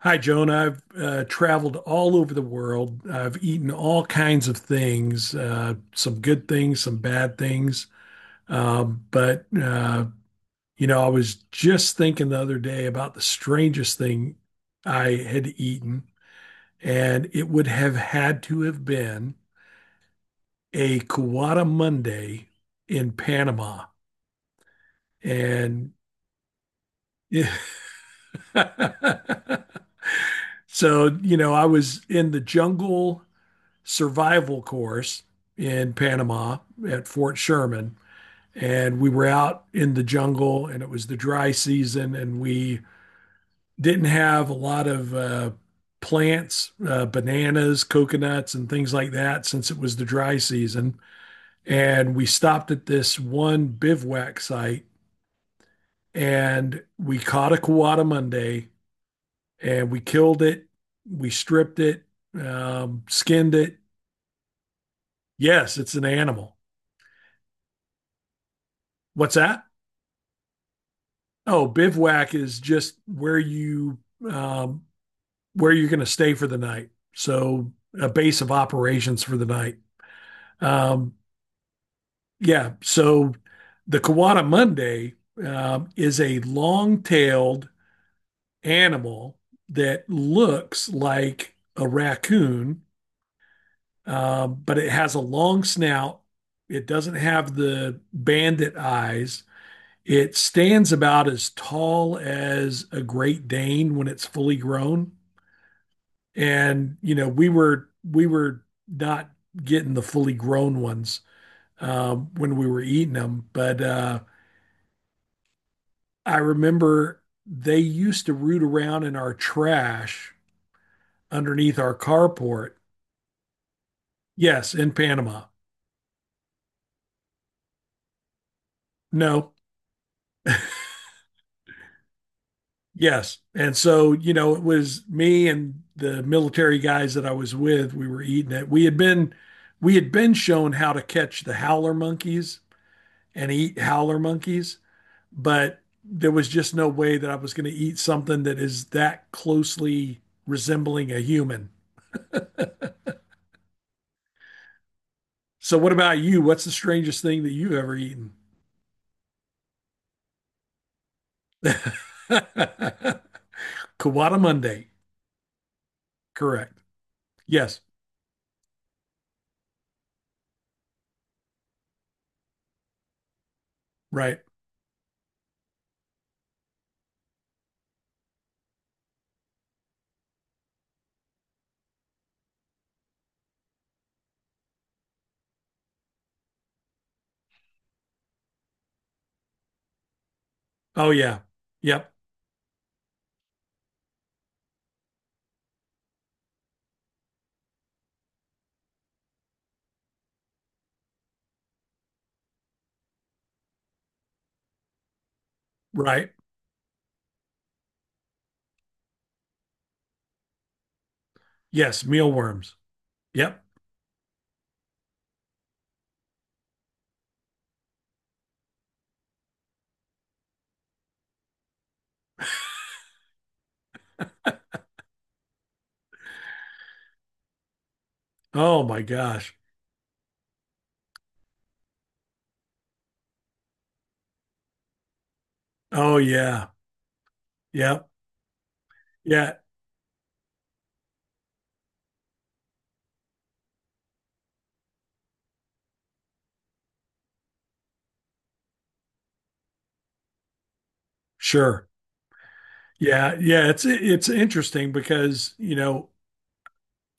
Hi, Joan. I've traveled all over the world. I've eaten all kinds of things, some good things, some bad things. Um, but, uh, I was just thinking the other day about the strangest thing I had eaten, and it would have had to have been a Cuata Monday in Panama. And I was in the jungle. Survival course in Panama at Fort Sherman. And we were out in the jungle and it was the dry season and we didn't have a lot of plants, bananas, coconuts, and things like that since it was the dry season. And we stopped at this one bivouac site and we caught a Kawada Monday and we killed it. We stripped it, skinned it. Yes, it's an animal. What's that? Oh, bivouac is just where you um, where you're going to stay for the night. So a base of operations for the night. Um, yeah. So the Kawada Monday is a long-tailed animal that looks like a raccoon, but it has a long snout. It doesn't have the bandit eyes. It stands about as tall as a Great Dane when it's fully grown, and you know, we were not getting the fully grown ones when we were eating them. But I remember they used to root around in our trash underneath our carport. Yes, in Panama. No, yes. And so, you know, it was me and the military guys that I was with, we were eating it. We had been shown how to catch the howler monkeys and eat howler monkeys, but there was just no way that I was going to eat something that is that closely resembling a human. So, what about you? What's the strangest thing that you've ever eaten? Kawada Monday. Correct. Yes. Right. Oh, yeah. Yep. Right. Yes. Mealworms. Yep. Oh, my gosh. Oh, yeah. Yep. Yeah. Sure. Yeah. Yeah. It's interesting because, you know,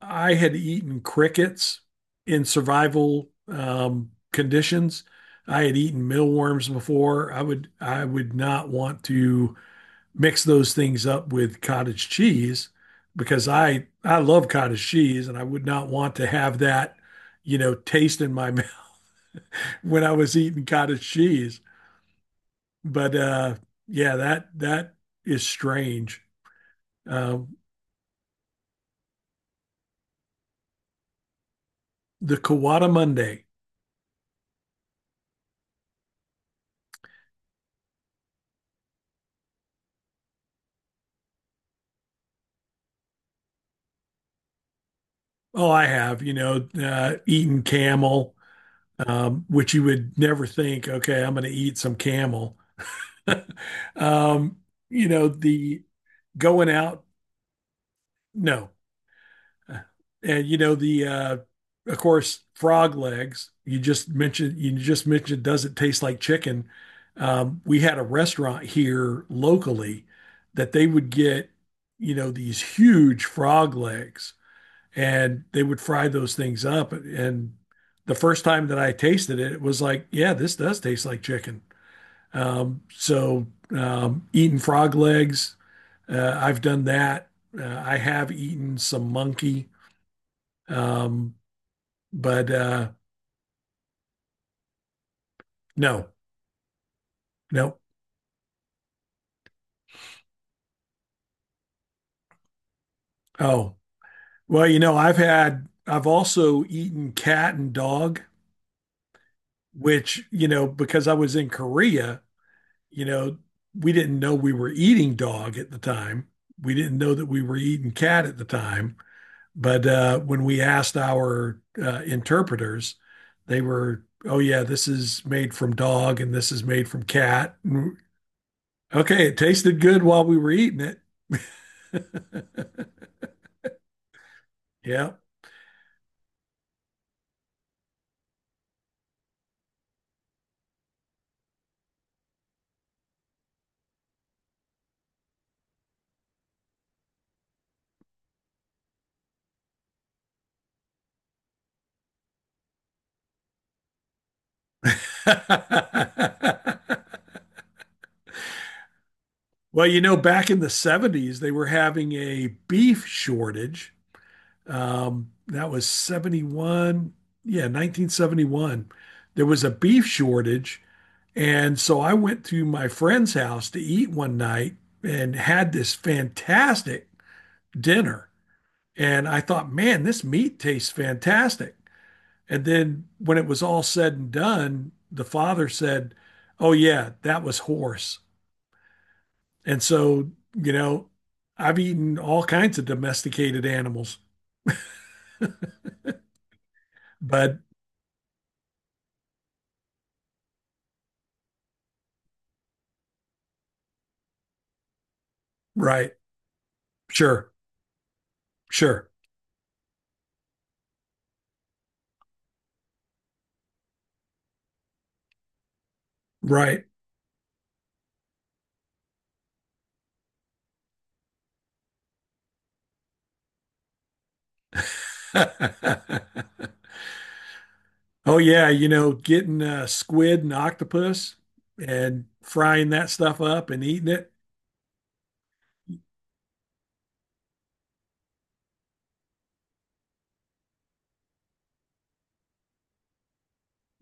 I had eaten crickets in survival conditions. I had eaten mealworms before. I would not want to mix those things up with cottage cheese because I love cottage cheese and I would not want to have that, you know, taste in my mouth when I was eating cottage cheese. But yeah, that is strange. Uh, the Kawada Monday. Oh, I have, you know, eaten camel, which you would never think, okay, I'm going to eat some camel. Um, you know, the going out, no. And you know, the of course, frog legs, you just mentioned, does it taste like chicken? We had a restaurant here locally that they would get, you know, these huge frog legs, and they would fry those things up. And the first time that I tasted it, it was like, yeah, this does taste like chicken. So eating frog legs, I've done that. I have eaten some monkey, um, but no, no. Oh, well, you know, I've had, I've also eaten cat and dog, which, you know, because I was in Korea, you know, we didn't know we were eating dog at the time. We didn't know that we were eating cat at the time. But when we asked our interpreters, they were, oh, yeah, this is made from dog and this is made from cat. Okay, it tasted good while we were eating it. Yeah. Well, you know, back in the 70s, they were having a beef shortage. That was 71. Yeah, 1971. There was a beef shortage. And so I went to my friend's house to eat one night and had this fantastic dinner. And I thought, man, this meat tastes fantastic. And then when it was all said and done, the father said, oh, yeah, that was horse. And so, you know, I've eaten all kinds of domesticated animals, but right, sure, sure. Right. Oh yeah, you know, getting squid and octopus and frying that stuff up and eating it.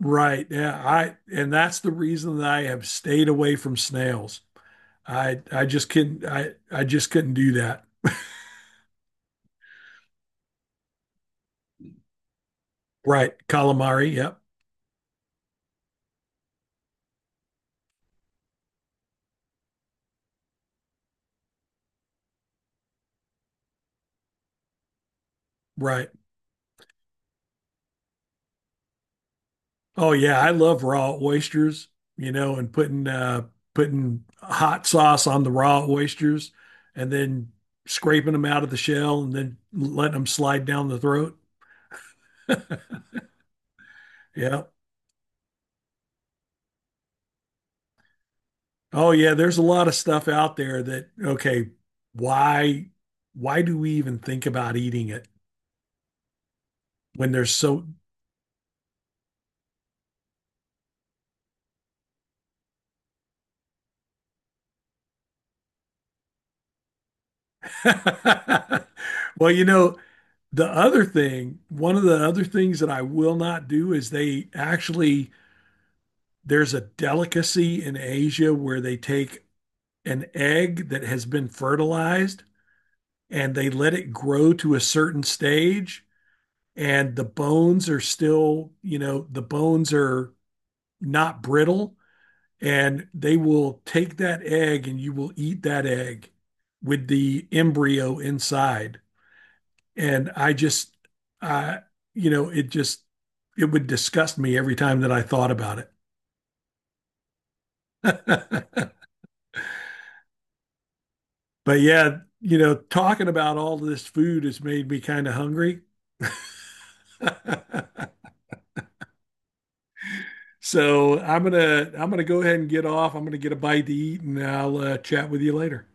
Right. Yeah, I and that's the reason that I have stayed away from snails. I just couldn't I just couldn't do that. Right. Calamari, yep. Right. Oh yeah, I love raw oysters, you know, and putting hot sauce on the raw oysters and then scraping them out of the shell and then letting them slide down the throat. Yeah. Oh yeah, there's a lot of stuff out there that okay, why why do we even think about eating it when there's so Well, you know, the other thing, one of the other things that I will not do is they actually there's a delicacy in Asia where they take an egg that has been fertilized and they let it grow to a certain stage and the bones are still, you know, the bones are not brittle, and they will take that egg and you will eat that egg with the embryo inside. And I just, I, you know, it just, it would disgust me every time that I thought about it. But yeah, you know, talking about all this food has made me kind of hungry. So I'm gonna go ahead and get off. I'm gonna get a bite to eat, and I'll chat with you later.